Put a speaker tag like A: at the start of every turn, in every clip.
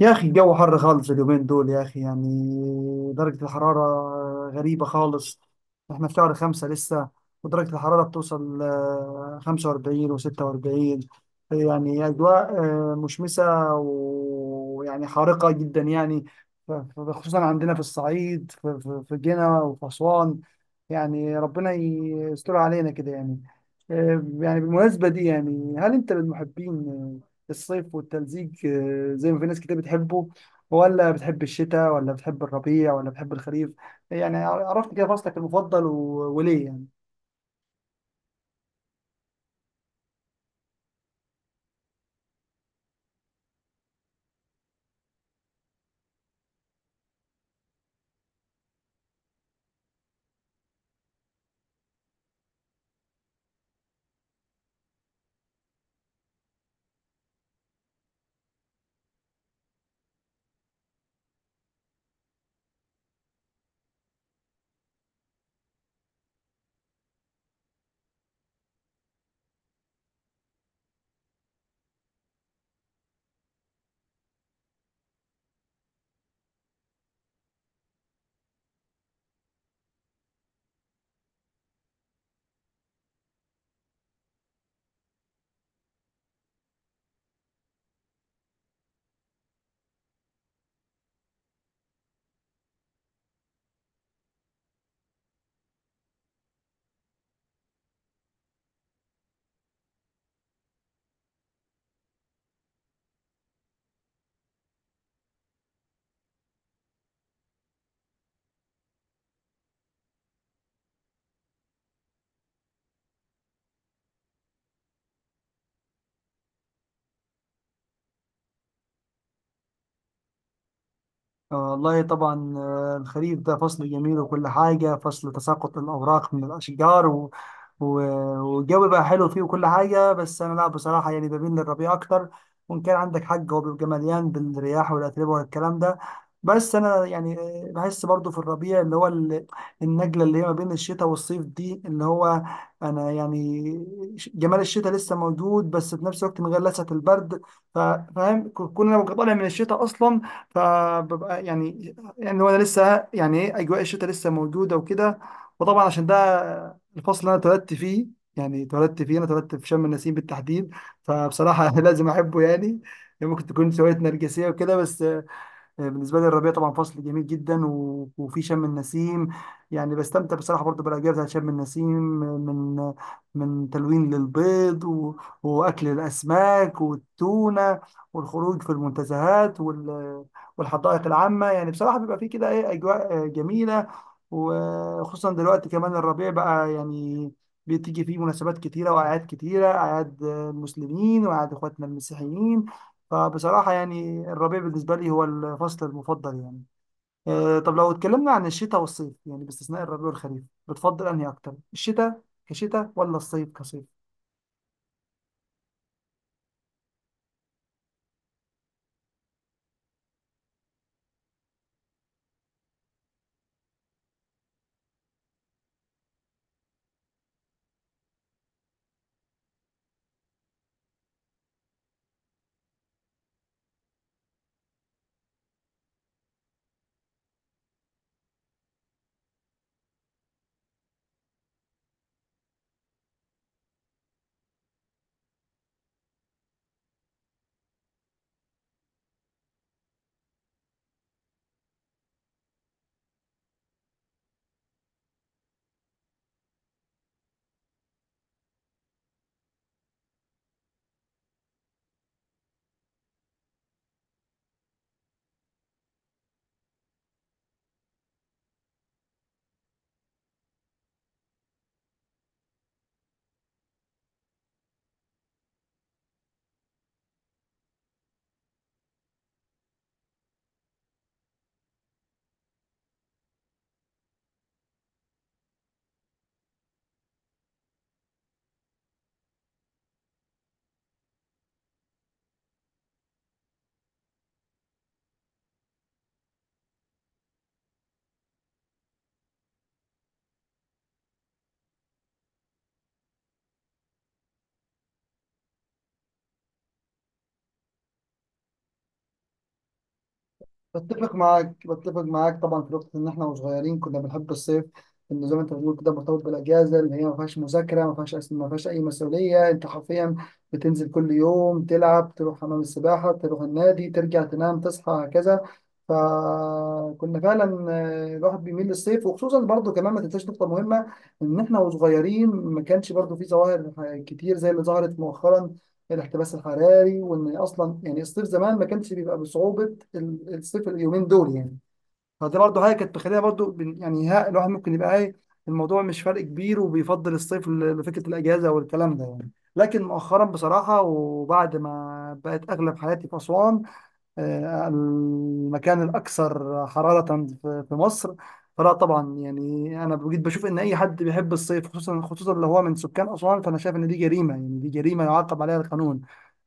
A: يا اخي، الجو حر خالص اليومين دول، يا اخي، يعني درجة الحرارة غريبة خالص. احنا في شهر خمسة لسه، ودرجة الحرارة بتوصل خمسة وأربعين وستة وأربعين. يعني أجواء مشمسة، ويعني حارقة جدا، يعني. خصوصا عندنا في الصعيد، في في جنة وفي أسوان. يعني ربنا يستر علينا كده، يعني. يعني بالمناسبة دي، يعني هل أنت من محبين الصيف والتلزيق، زي ما في ناس كتير بتحبه؟ ولا بتحب الشتاء؟ ولا بتحب الربيع؟ ولا بتحب الخريف؟ يعني عرفت كده فصلك المفضل وليه، يعني؟ والله طبعا، الخريف ده فصل جميل وكل حاجة، فصل تساقط الأوراق من الأشجار و- والجو بقى حلو فيه وكل حاجة. بس أنا لا، بصراحة يعني بميل للربيع أكتر، وإن كان عندك حق هو بيبقى مليان بالرياح والأتربة والكلام ده. بس أنا يعني بحس برضو في الربيع اللي هو النجلة اللي هي ما بين الشتاء والصيف دي، اللي هو أنا يعني، جمال الشتاء لسه موجود، بس في نفس الوقت من غير لسعة البرد. ف- فاهم، كون أنا ببقى طالع من الشتاء أصلا، فببقى يعني، هو أنا لسه، يعني إيه، أجواء الشتاء لسه موجودة وكده. وطبعا عشان ده الفصل اللي انا اتولدت فيه، يعني اتولدت فيه، انا اتولدت في شم النسيم بالتحديد. فبصراحه لازم احبه، يعني. ممكن تكون شويه نرجسيه وكده، بس بالنسبه لي الربيع طبعا فصل جميل جدا، وفي شم النسيم يعني بستمتع بصراحه برضو بالاجواء بتاعت شم النسيم، من تلوين للبيض واكل الاسماك والتونه، والخروج في المنتزهات والحدائق العامه. يعني بصراحه بيبقى في كده ايه، اجواء جميله. وخصوصا دلوقتي كمان الربيع بقى، يعني بتيجي فيه مناسبات كتيرة وأعياد كتيرة، أعياد المسلمين وأعياد إخواتنا المسيحيين. فبصراحة يعني الربيع بالنسبة لي هو الفصل المفضل، يعني. طب لو اتكلمنا عن الشتاء والصيف، يعني باستثناء الربيع والخريف، بتفضل أنهي أكتر؟ الشتاء كشتاء ولا الصيف كصيف؟ بتفق معاك طبعا في نقطة إن إحنا وصغيرين كنا بنحب الصيف. إنه زي ما أنت بتقول كده مرتبط بالأجازة، اللي هي ما فيهاش مذاكرة، ما فيهاش ما فيهاش أي مسؤولية، أنت حرفيا بتنزل كل يوم تلعب، تروح حمام السباحة، تروح النادي، ترجع تنام، تصحى، هكذا. فكنا فعلا، الواحد بيميل للصيف، وخصوصا برضه كمان ما تنساش نقطة مهمة، إن إحنا وصغيرين ما كانش برضه في ظواهر كتير زي اللي ظهرت مؤخرا، الاحتباس الحراري. وان اصلا يعني الصيف زمان ما كانش بيبقى بصعوبه الصيف اليومين دول، يعني. فدي برضه حاجه كانت مخليها برضه، يعني ها، الواحد ممكن يبقى ايه، الموضوع مش فرق كبير، وبيفضل الصيف لفكره الاجازه والكلام ده، يعني. لكن مؤخرا بصراحه، وبعد ما بقت اغلب حياتي في اسوان، المكان الأكثر حرارة في مصر، فلا طبعا يعني أنا بجد بشوف إن أي حد بيحب الصيف، خصوصا خصوصا لو هو من سكان أسوان، فأنا شايف إن دي جريمة، يعني دي جريمة يعاقب عليها القانون.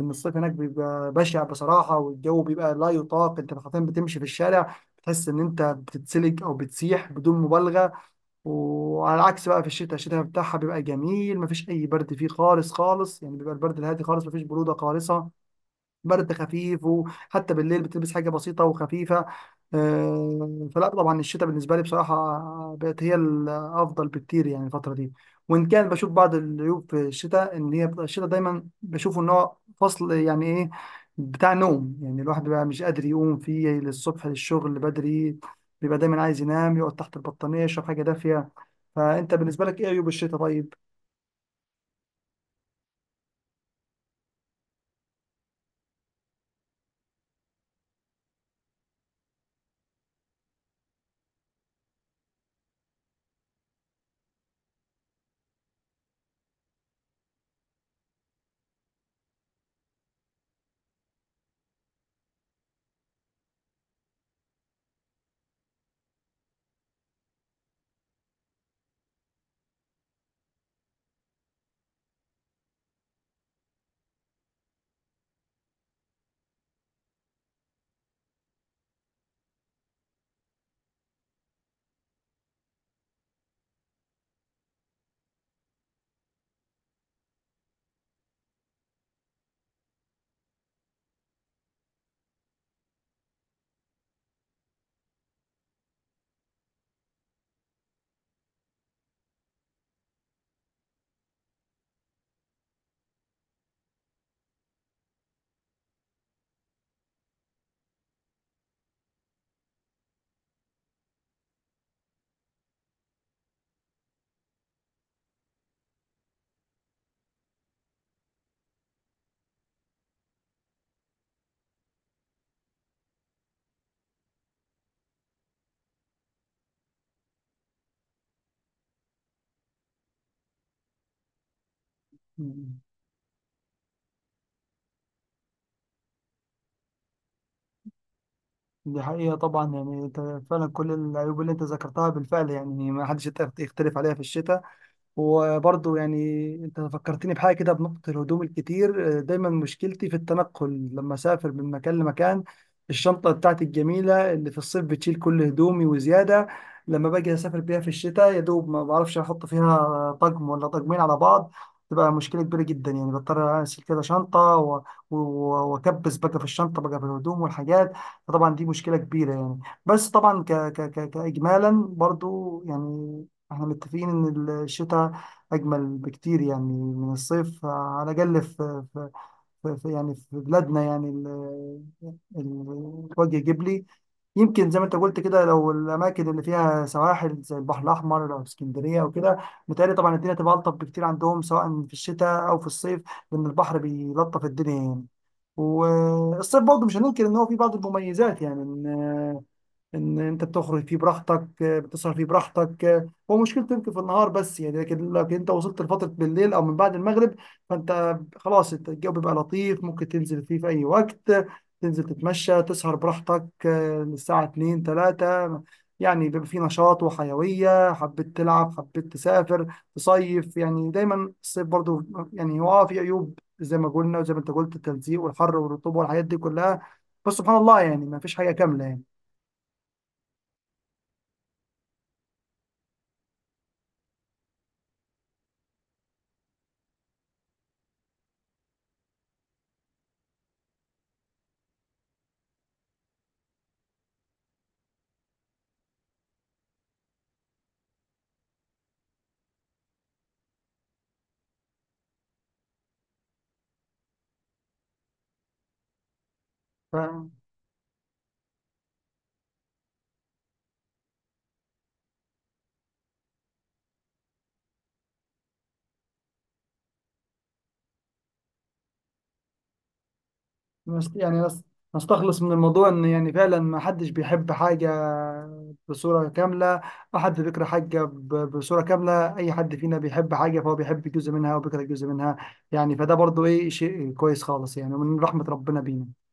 A: إن الصيف هناك بيبقى بشع بصراحة، والجو بيبقى لا يطاق، أنت حرفيا بتمشي في الشارع بتحس إن أنت بتتسلج أو بتسيح بدون مبالغة. وعلى العكس بقى في الشتاء، الشتاء بتاعها بيبقى جميل، مفيش أي برد فيه خالص خالص، يعني بيبقى البرد الهادي خالص، مفيش برودة خالصة، برد خفيف، وحتى بالليل بتلبس حاجة بسيطة وخفيفة. فلا طبعا الشتاء بالنسبة لي بصراحة بقت هي الأفضل بكتير، يعني الفترة دي. وإن كان بشوف بعض العيوب في الشتاء، إن هي بتبقى الشتاء دايما بشوفه إن هو فصل يعني إيه، بتاع نوم. يعني الواحد بيبقى مش قادر يقوم فيه للصبح للشغل بدري، بيبقى دايما عايز ينام، يقعد تحت البطانية، يشرب حاجة دافية. فأنت بالنسبة لك إيه عيوب الشتاء، طيب؟ دي حقيقة طبعا، يعني انت فعلا كل العيوب اللي انت ذكرتها بالفعل، يعني ما حدش يقدر يختلف عليها في الشتاء. وبرضه يعني انت فكرتني بحاجه كده، بنقطه الهدوم الكتير. دايما مشكلتي في التنقل لما اسافر من مكان لمكان، الشنطه بتاعتي الجميله اللي في الصيف بتشيل كل هدومي وزياده، لما باجي اسافر بيها في الشتاء يا دوب ما بعرفش احط فيها طقم ولا طقمين على بعض. تبقى مشكله كبيره جدا، يعني بضطر اشيل كده شنطه و- واكبس بقى في الشنطه، بقى في الهدوم والحاجات. فطبعا دي مشكله كبيره، يعني. بس طبعا ك ك ك كاجمالا برضو، يعني احنا متفقين ان الشتاء أجمل بكتير، يعني من الصيف، على الأقل في يعني في بلادنا، يعني الوجه الجبلي. يمكن زي ما أنت قلت كده، لو الأماكن اللي فيها سواحل زي البحر الأحمر أو اسكندرية وكده، متهيألي طبعا الدنيا تبقى ألطف بكتير عندهم، سواء في الشتاء أو في الصيف، لأن البحر بيلطف الدنيا، يعني. والصيف برضه مش هننكر إن هو فيه بعض المميزات، يعني ان انت بتخرج فيه براحتك، بتسهر فيه براحتك، هو مشكلته يمكن في النهار بس، يعني لكن انت وصلت لفتره بالليل او من بعد المغرب، فانت خلاص، انت الجو بيبقى لطيف ممكن تنزل فيه في اي وقت، تنزل تتمشى تسهر براحتك للساعه 2 3. يعني بيبقى فيه نشاط وحيويه، حبيت تلعب، حبيت تسافر تصيف، يعني دايما الصيف برضو، يعني هو في عيوب زي ما قلنا وزي ما انت قلت، التلزيق والحر والرطوبه والحاجات دي كلها. بس سبحان الله، يعني ما فيش حاجه كامله، يعني. ف... نست- يعني نس- نستخلص من الموضوع ان يعني فعلا ما حدش بيحب حاجة بصورة كاملة، ما حد بيكره حاجة بصورة كاملة. اي حد فينا بيحب حاجة فهو بيحب جزء منها وبيكره جزء منها، يعني فده برضو ايه، شيء كويس خالص، يعني ومن رحمة ربنا بينا.